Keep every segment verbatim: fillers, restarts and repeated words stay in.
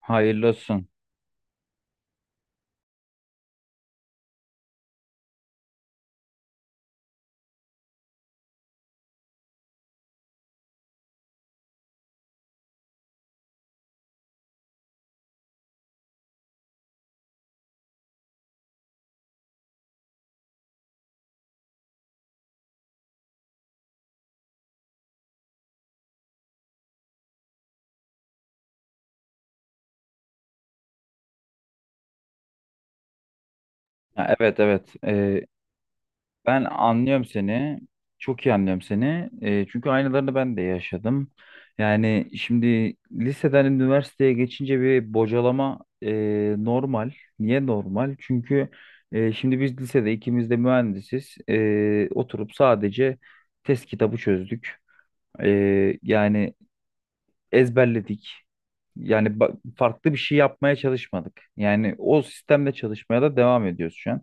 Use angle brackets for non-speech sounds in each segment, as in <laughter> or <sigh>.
Hayırlı olsun. Ya, evet evet. Ee, ben anlıyorum seni. Çok iyi anlıyorum seni. Ee, çünkü aynılarını ben de yaşadım. Yani şimdi liseden üniversiteye geçince bir bocalama e, normal. Niye normal? Çünkü e, şimdi biz lisede ikimiz de mühendisiz. E, oturup sadece test kitabı çözdük. E, Yani ezberledik. Yani ba- farklı bir şey yapmaya çalışmadık. Yani o sistemle çalışmaya da devam ediyoruz şu an.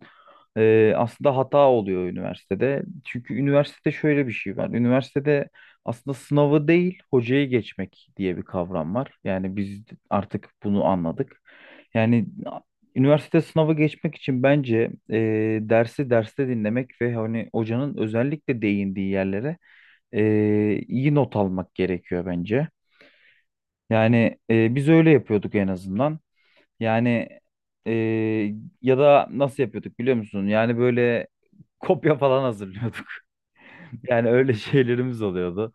Ee, aslında hata oluyor üniversitede. Çünkü üniversitede şöyle bir şey var. Üniversitede aslında sınavı değil, hocayı geçmek diye bir kavram var. Yani biz artık bunu anladık. Yani a- üniversite sınavı geçmek için bence e, dersi derste dinlemek ve hani hocanın özellikle değindiği yerlere e, iyi not almak gerekiyor bence. Yani e, biz öyle yapıyorduk en azından. Yani e, ya da nasıl yapıyorduk biliyor musun? Yani böyle kopya falan hazırlıyorduk. <laughs> Yani öyle şeylerimiz oluyordu.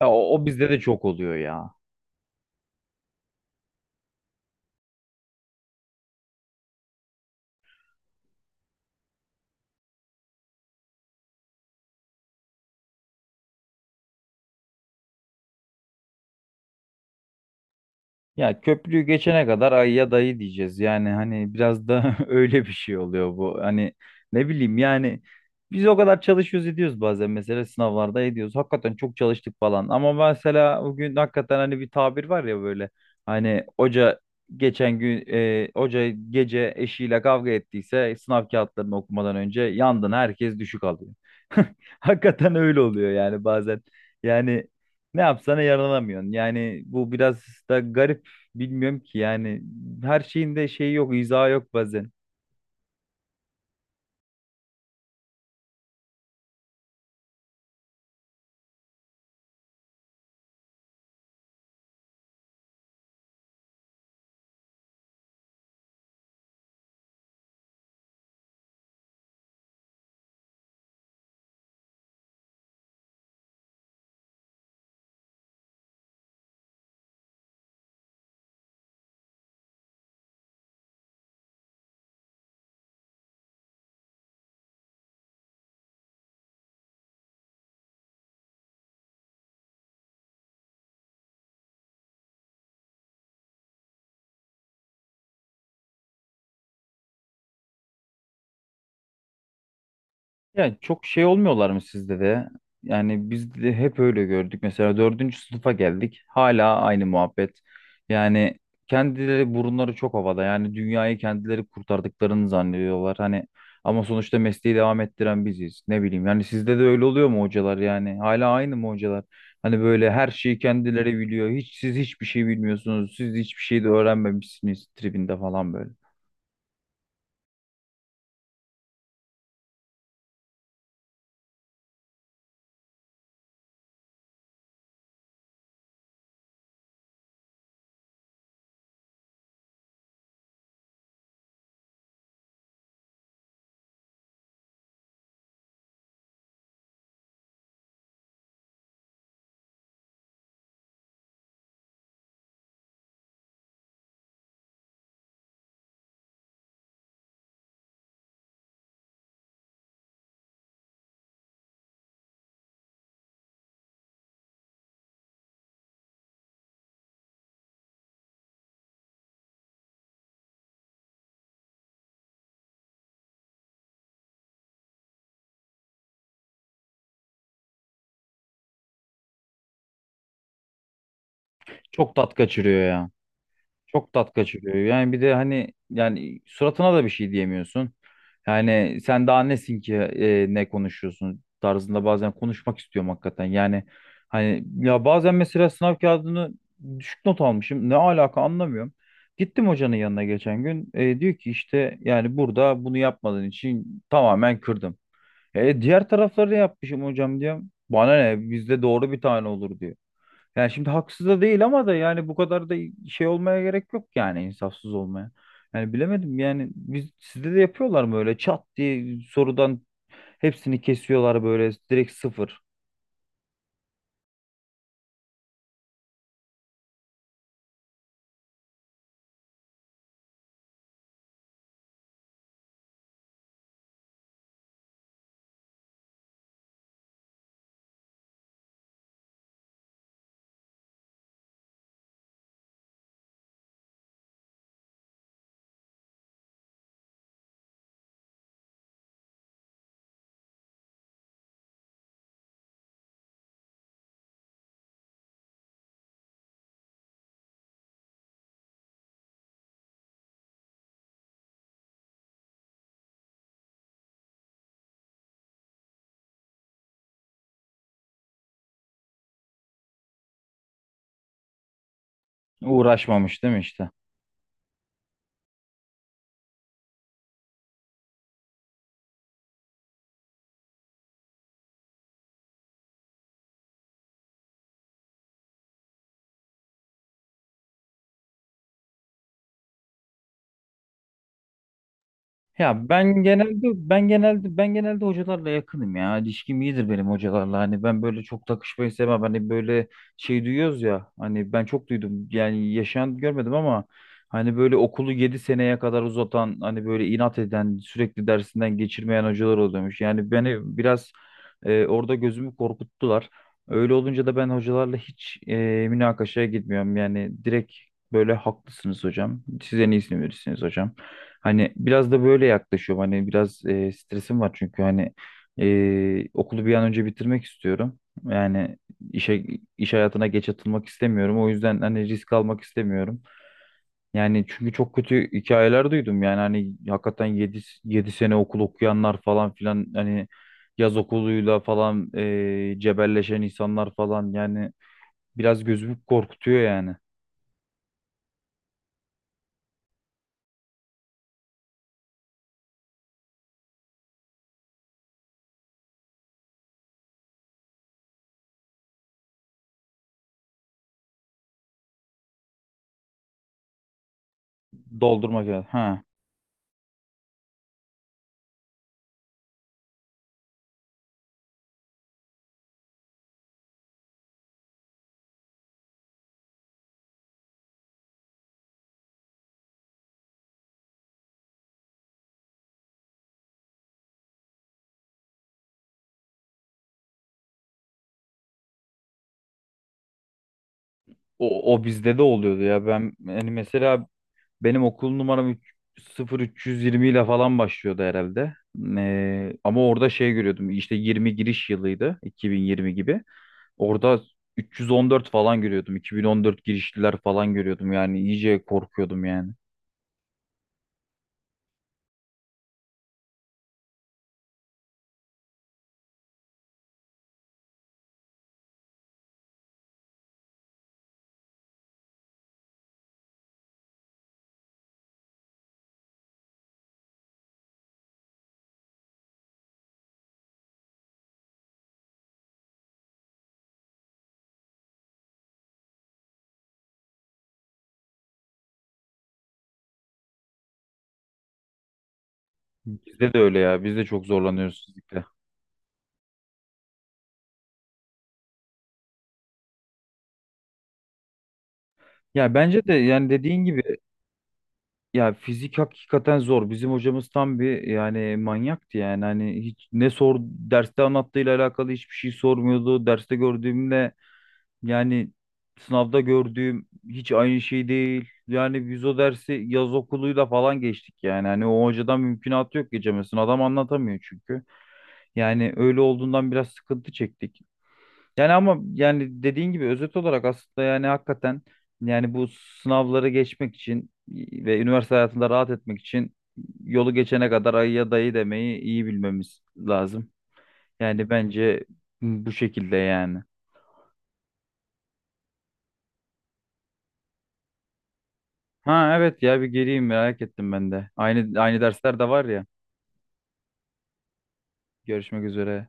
Ya, o, o bizde de çok oluyor ya. Ya köprüyü geçene kadar ayıya dayı diyeceğiz. Yani hani biraz da <laughs> öyle bir şey oluyor bu. Hani ne bileyim yani biz o kadar çalışıyoruz ediyoruz bazen mesela sınavlarda ediyoruz. Hakikaten çok çalıştık falan. Ama mesela bugün hakikaten hani bir tabir var ya böyle. Hani hoca geçen gün e, hoca gece eşiyle kavga ettiyse sınav kağıtlarını okumadan önce yandın herkes düşük alıyor. <laughs> Hakikaten öyle oluyor yani bazen. Yani ne yapsana yaralanamıyorsun. Yani bu biraz da garip. Bilmiyorum ki yani her şeyin de şeyi yok, izahı yok bazen. Yani çok şey olmuyorlar mı sizde de? Yani biz de hep öyle gördük. Mesela dördüncü sınıfa geldik. Hala aynı muhabbet. Yani kendileri burunları çok havada. Yani dünyayı kendileri kurtardıklarını zannediyorlar. Hani ama sonuçta mesleği devam ettiren biziz. Ne bileyim. Yani sizde de öyle oluyor mu hocalar yani? Hala aynı mı hocalar? Hani böyle her şeyi kendileri biliyor. Hiç siz hiçbir şey bilmiyorsunuz. Siz hiçbir şey de öğrenmemişsiniz tribinde falan böyle. Çok tat kaçırıyor ya. Çok tat kaçırıyor. Yani bir de hani yani suratına da bir şey diyemiyorsun. Yani sen daha nesin ki e, ne konuşuyorsun tarzında bazen konuşmak istiyorum hakikaten. Yani hani ya bazen mesela sınav kağıdını düşük not almışım. Ne alaka anlamıyorum. Gittim hocanın yanına geçen gün. E, diyor ki işte yani burada bunu yapmadığın için tamamen kırdım. E, diğer tarafları da yapmışım hocam diyorum. Bana ne bizde doğru bir tane olur diyor. Yani şimdi haksız da değil ama da yani bu kadar da şey olmaya gerek yok yani insafsız olmaya. Yani bilemedim yani biz sizde de yapıyorlar mı öyle çat diye sorudan hepsini kesiyorlar böyle direkt sıfır. Uğraşmamış değil mi işte? Ya ben genelde ben genelde ben genelde hocalarla yakınım ya. İlişkim iyidir benim hocalarla. Hani ben böyle çok takışmayı sevmem. Hani böyle şey duyuyoruz ya. Hani ben çok duydum. Yani yaşayan görmedim ama hani böyle okulu yedi seneye kadar uzatan, hani böyle inat eden, sürekli dersinden geçirmeyen hocalar oluyormuş. Yani beni biraz e, orada gözümü korkuttular. Öyle olunca da ben hocalarla hiç e, münakaşaya gitmiyorum. Yani direkt böyle haklısınız hocam. Siz en iyisini verirsiniz hocam. Hani biraz da böyle yaklaşıyorum. Hani biraz e, stresim var çünkü hani e, okulu bir an önce bitirmek istiyorum. Yani işe iş hayatına geç atılmak istemiyorum. O yüzden hani risk almak istemiyorum. Yani çünkü çok kötü hikayeler duydum. Yani hani hakikaten yedi yedi sene okul okuyanlar falan filan hani yaz okuluyla falan e, cebelleşen insanlar falan yani biraz gözümü korkutuyor yani. Doldurmak ya. Ha, O, o bizde de oluyordu ya. Ben yani mesela benim okul numaram üç, üç yüz yirmi ile falan başlıyordu herhalde. Ee, ama orada şey görüyordum. İşte yirmi giriş yılıydı. iki bin yirmi gibi. Orada üç yüz on dört falan görüyordum. iki bin on dört girişliler falan görüyordum. Yani iyice korkuyordum yani. Bizde de öyle ya. Biz de çok zorlanıyoruz sizlikle. Ya bence de yani dediğin gibi ya fizik hakikaten zor. Bizim hocamız tam bir yani manyaktı yani. Hani hiç ne sor derste anlattığıyla alakalı hiçbir şey sormuyordu. Derste gördüğümle yani sınavda gördüğüm hiç aynı şey değil. Yani biz o dersi yaz okuluyla falan geçtik yani. Hani o hocadan mümkünatı yok geçemezsin. Adam anlatamıyor çünkü. Yani öyle olduğundan biraz sıkıntı çektik. Yani ama yani dediğin gibi özet olarak aslında yani hakikaten yani bu sınavları geçmek için ve üniversite hayatında rahat etmek için yolu geçene kadar ayıya dayı demeyi iyi bilmemiz lazım. Yani bence bu şekilde yani. Ha evet ya bir geleyim merak ettim ben de. Aynı aynı dersler de var ya. Görüşmek üzere.